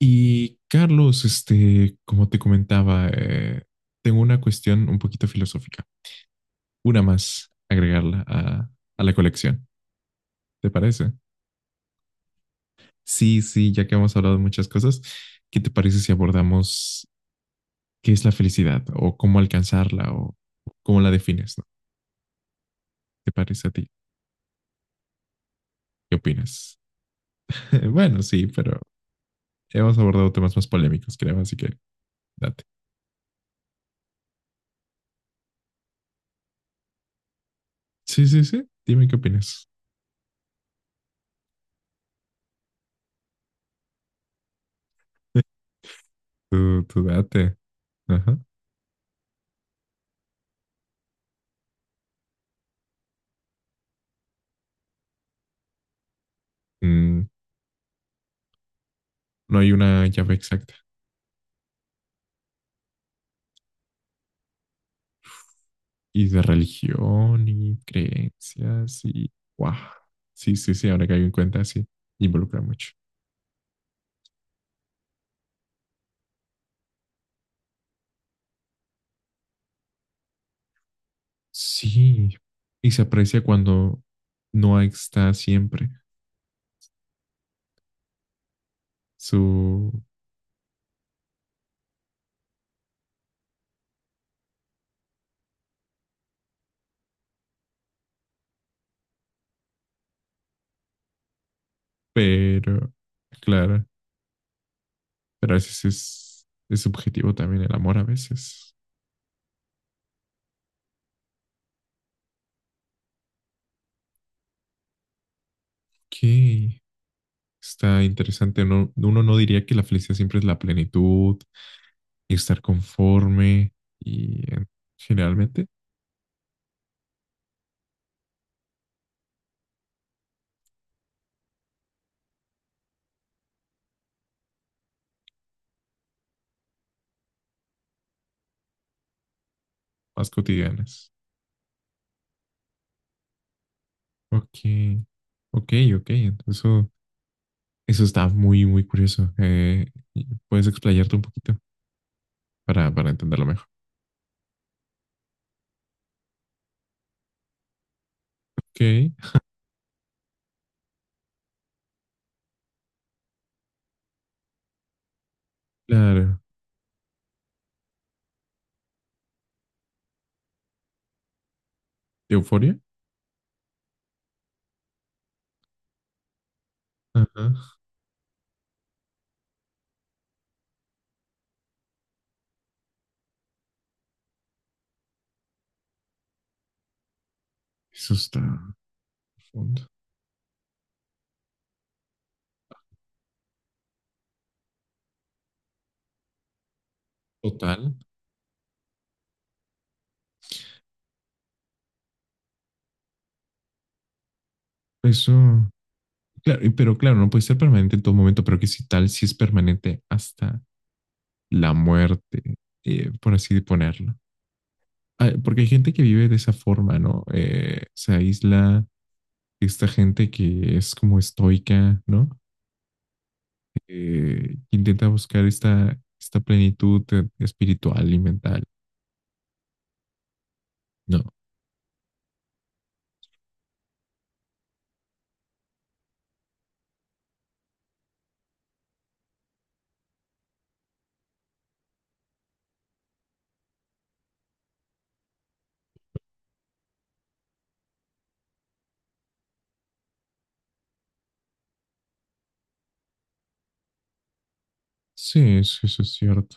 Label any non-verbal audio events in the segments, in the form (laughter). Y Carlos, como te comentaba, tengo una cuestión un poquito filosófica, una más agregarla a la colección, ¿te parece? Sí, sí, ya que hemos hablado de muchas cosas, ¿qué te parece si abordamos qué es la felicidad o cómo alcanzarla o cómo la defines, ¿no? ¿Te parece a ti? ¿Qué opinas? (laughs) Bueno, sí, pero hemos abordado temas más polémicos, creo, así que date. Sí, sí, sí, dime qué opinas. (laughs) Tú date. Ajá. Mm, no hay una llave exacta. Y de religión y creencias y... ¡Wow! Sí, sí, sí, ahora que hay en cuenta, sí, involucra mucho. Sí, y se aprecia cuando no está siempre su... Pero, claro, pero a veces es subjetivo también el amor a veces. Ok, está interesante. No, uno no diría que la felicidad siempre es la plenitud y estar conforme y generalmente. Más cotidianas. Ok, ok, ok. Eso, eso está muy, muy curioso. Puedes explayarte un poquito para entenderlo mejor. Ok, claro. ¿Euforia? Ajá. Eso está profundo. Total. Eso, claro, pero claro, no puede ser permanente en todo momento, pero que si tal, si es permanente hasta la muerte, por así ponerlo. Ah, porque hay gente que vive de esa forma, ¿no? Se aísla, esta gente que es como estoica, ¿no? Intenta buscar esta, esta plenitud espiritual y mental. No. Sí, sí, eso es cierto.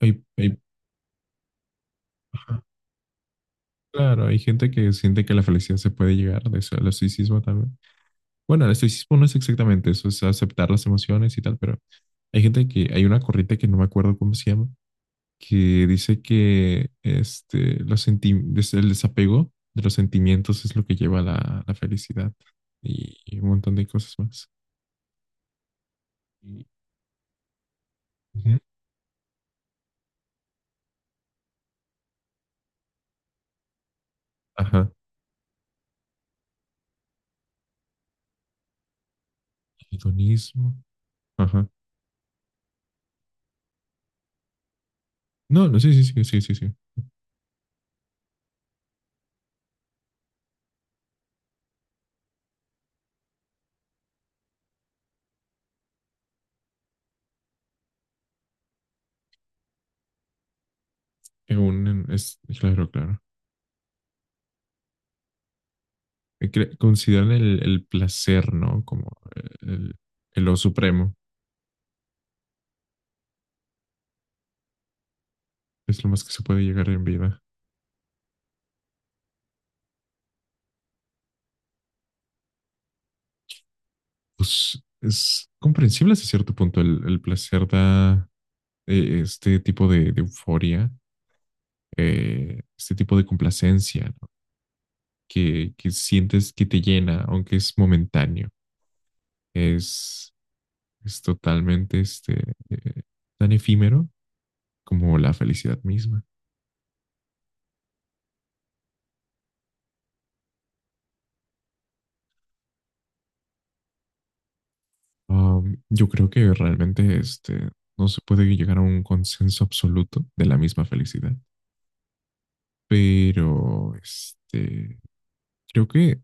Hay, hay- ajá, claro, hay gente que siente que la felicidad se puede llegar, de eso, el estoicismo también. Bueno, el estoicismo no es exactamente eso, es aceptar las emociones y tal, pero hay gente que, hay una corriente que no me acuerdo cómo se llama, que dice que el desapego de los sentimientos es lo que lleva a la, la felicidad y, un montón de cosas más. Y- Ujú. Ajá. Hedonismo. Ajá. No, no, sí, sí, sí, sí, sí, sí. Es, claro, claro. Consideran el placer, ¿no? Como eh, el, el lo supremo. Es lo más que se puede llegar en vida. Pues es comprensible hasta cierto punto. El placer da este tipo de euforia, este tipo de complacencia, ¿no? Que sientes que te llena, aunque es momentáneo. Es, es totalmente tan efímero como la felicidad misma. Yo creo que realmente no se puede llegar a un consenso absoluto de la misma felicidad, pero creo que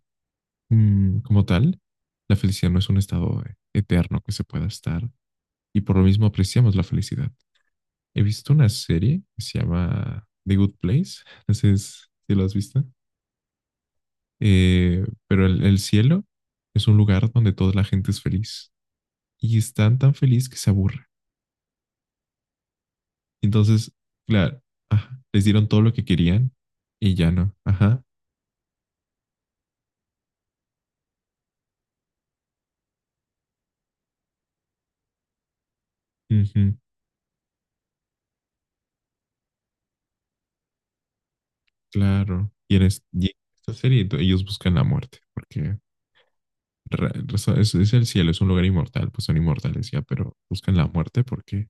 como tal, la felicidad no es un estado eterno que se pueda estar y por lo mismo apreciamos la felicidad. He visto una serie que se llama The Good Place, (laughs) no sé si lo has visto. Pero el cielo es un lugar donde toda la gente es feliz y están tan feliz que se aburren. Entonces, claro, ajá, les dieron todo lo que querían y ya no. Ajá, ujú, claro. Y en esta serie ellos buscan la muerte, porque es el cielo, es un lugar inmortal, pues son inmortales ya, pero buscan la muerte porque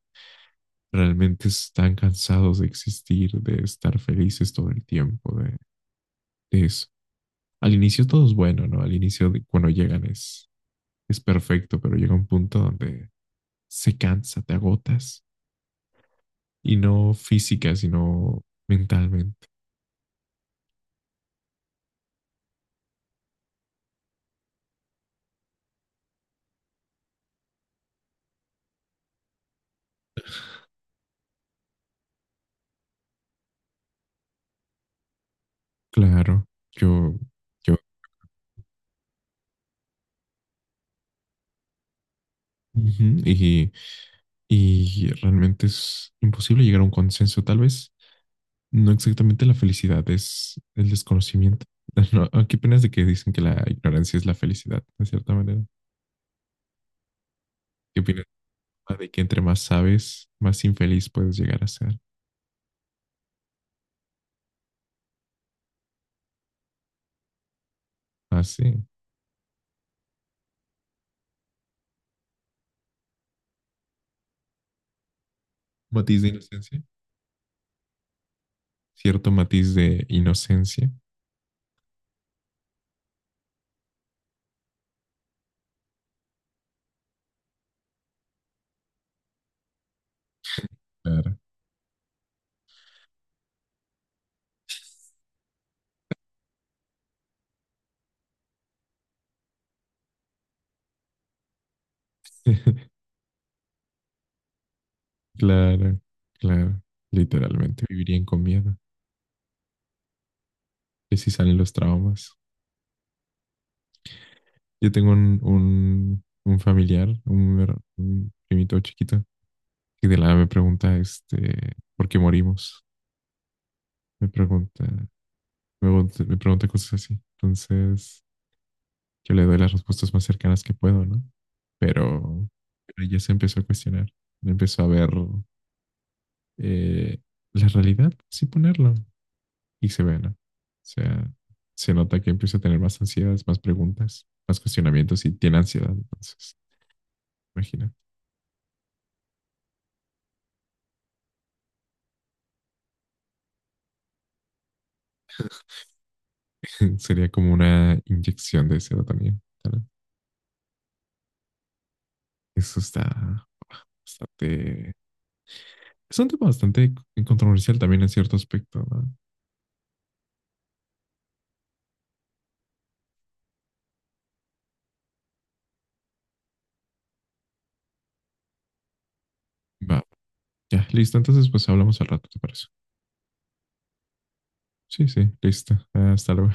realmente están cansados de existir, de estar felices todo el tiempo, de eso. Al inicio todo es bueno, ¿no? Cuando llegan es perfecto, pero llega un punto donde se cansa, te agotas y no física, sino mentalmente. Claro, yo, yo, ujú, y realmente es imposible llegar a un consenso, tal vez no exactamente la felicidad, es el desconocimiento. (laughs) No, ¿qué opinas de que dicen que la ignorancia es la felicidad, de cierta manera? ¿Qué opinas de que entre más sabes, más infeliz puedes llegar a ser? Ah, sí. Matiz de inocencia. Cierto matiz de inocencia. Claro. (laughs) Claro, claro. Literalmente vivirían con miedo. Que sí salen los traumas. Yo tengo un familiar, un primito chiquito, que de la nada me pregunta, ¿por qué morimos? Me pregunta, me pregunta cosas así. Entonces, yo le doy las respuestas más cercanas que puedo, ¿no? Pero, pero ya se empezó a cuestionar, empezó a ver eh, la realidad, sin ponerlo, y se ve, ¿no? O sea, se nota que empieza a tener más ansiedades, más preguntas, más cuestionamientos y tiene ansiedad, entonces, imagínate. (laughs) Sería como una inyección de serotonina. ¿Verdad? Eso está bastante... Es un tema bastante controversial también en cierto aspecto, ¿no? Va, ya, listo. Entonces, pues hablamos al rato, ¿te parece? Sí, sí, listo. Hasta luego.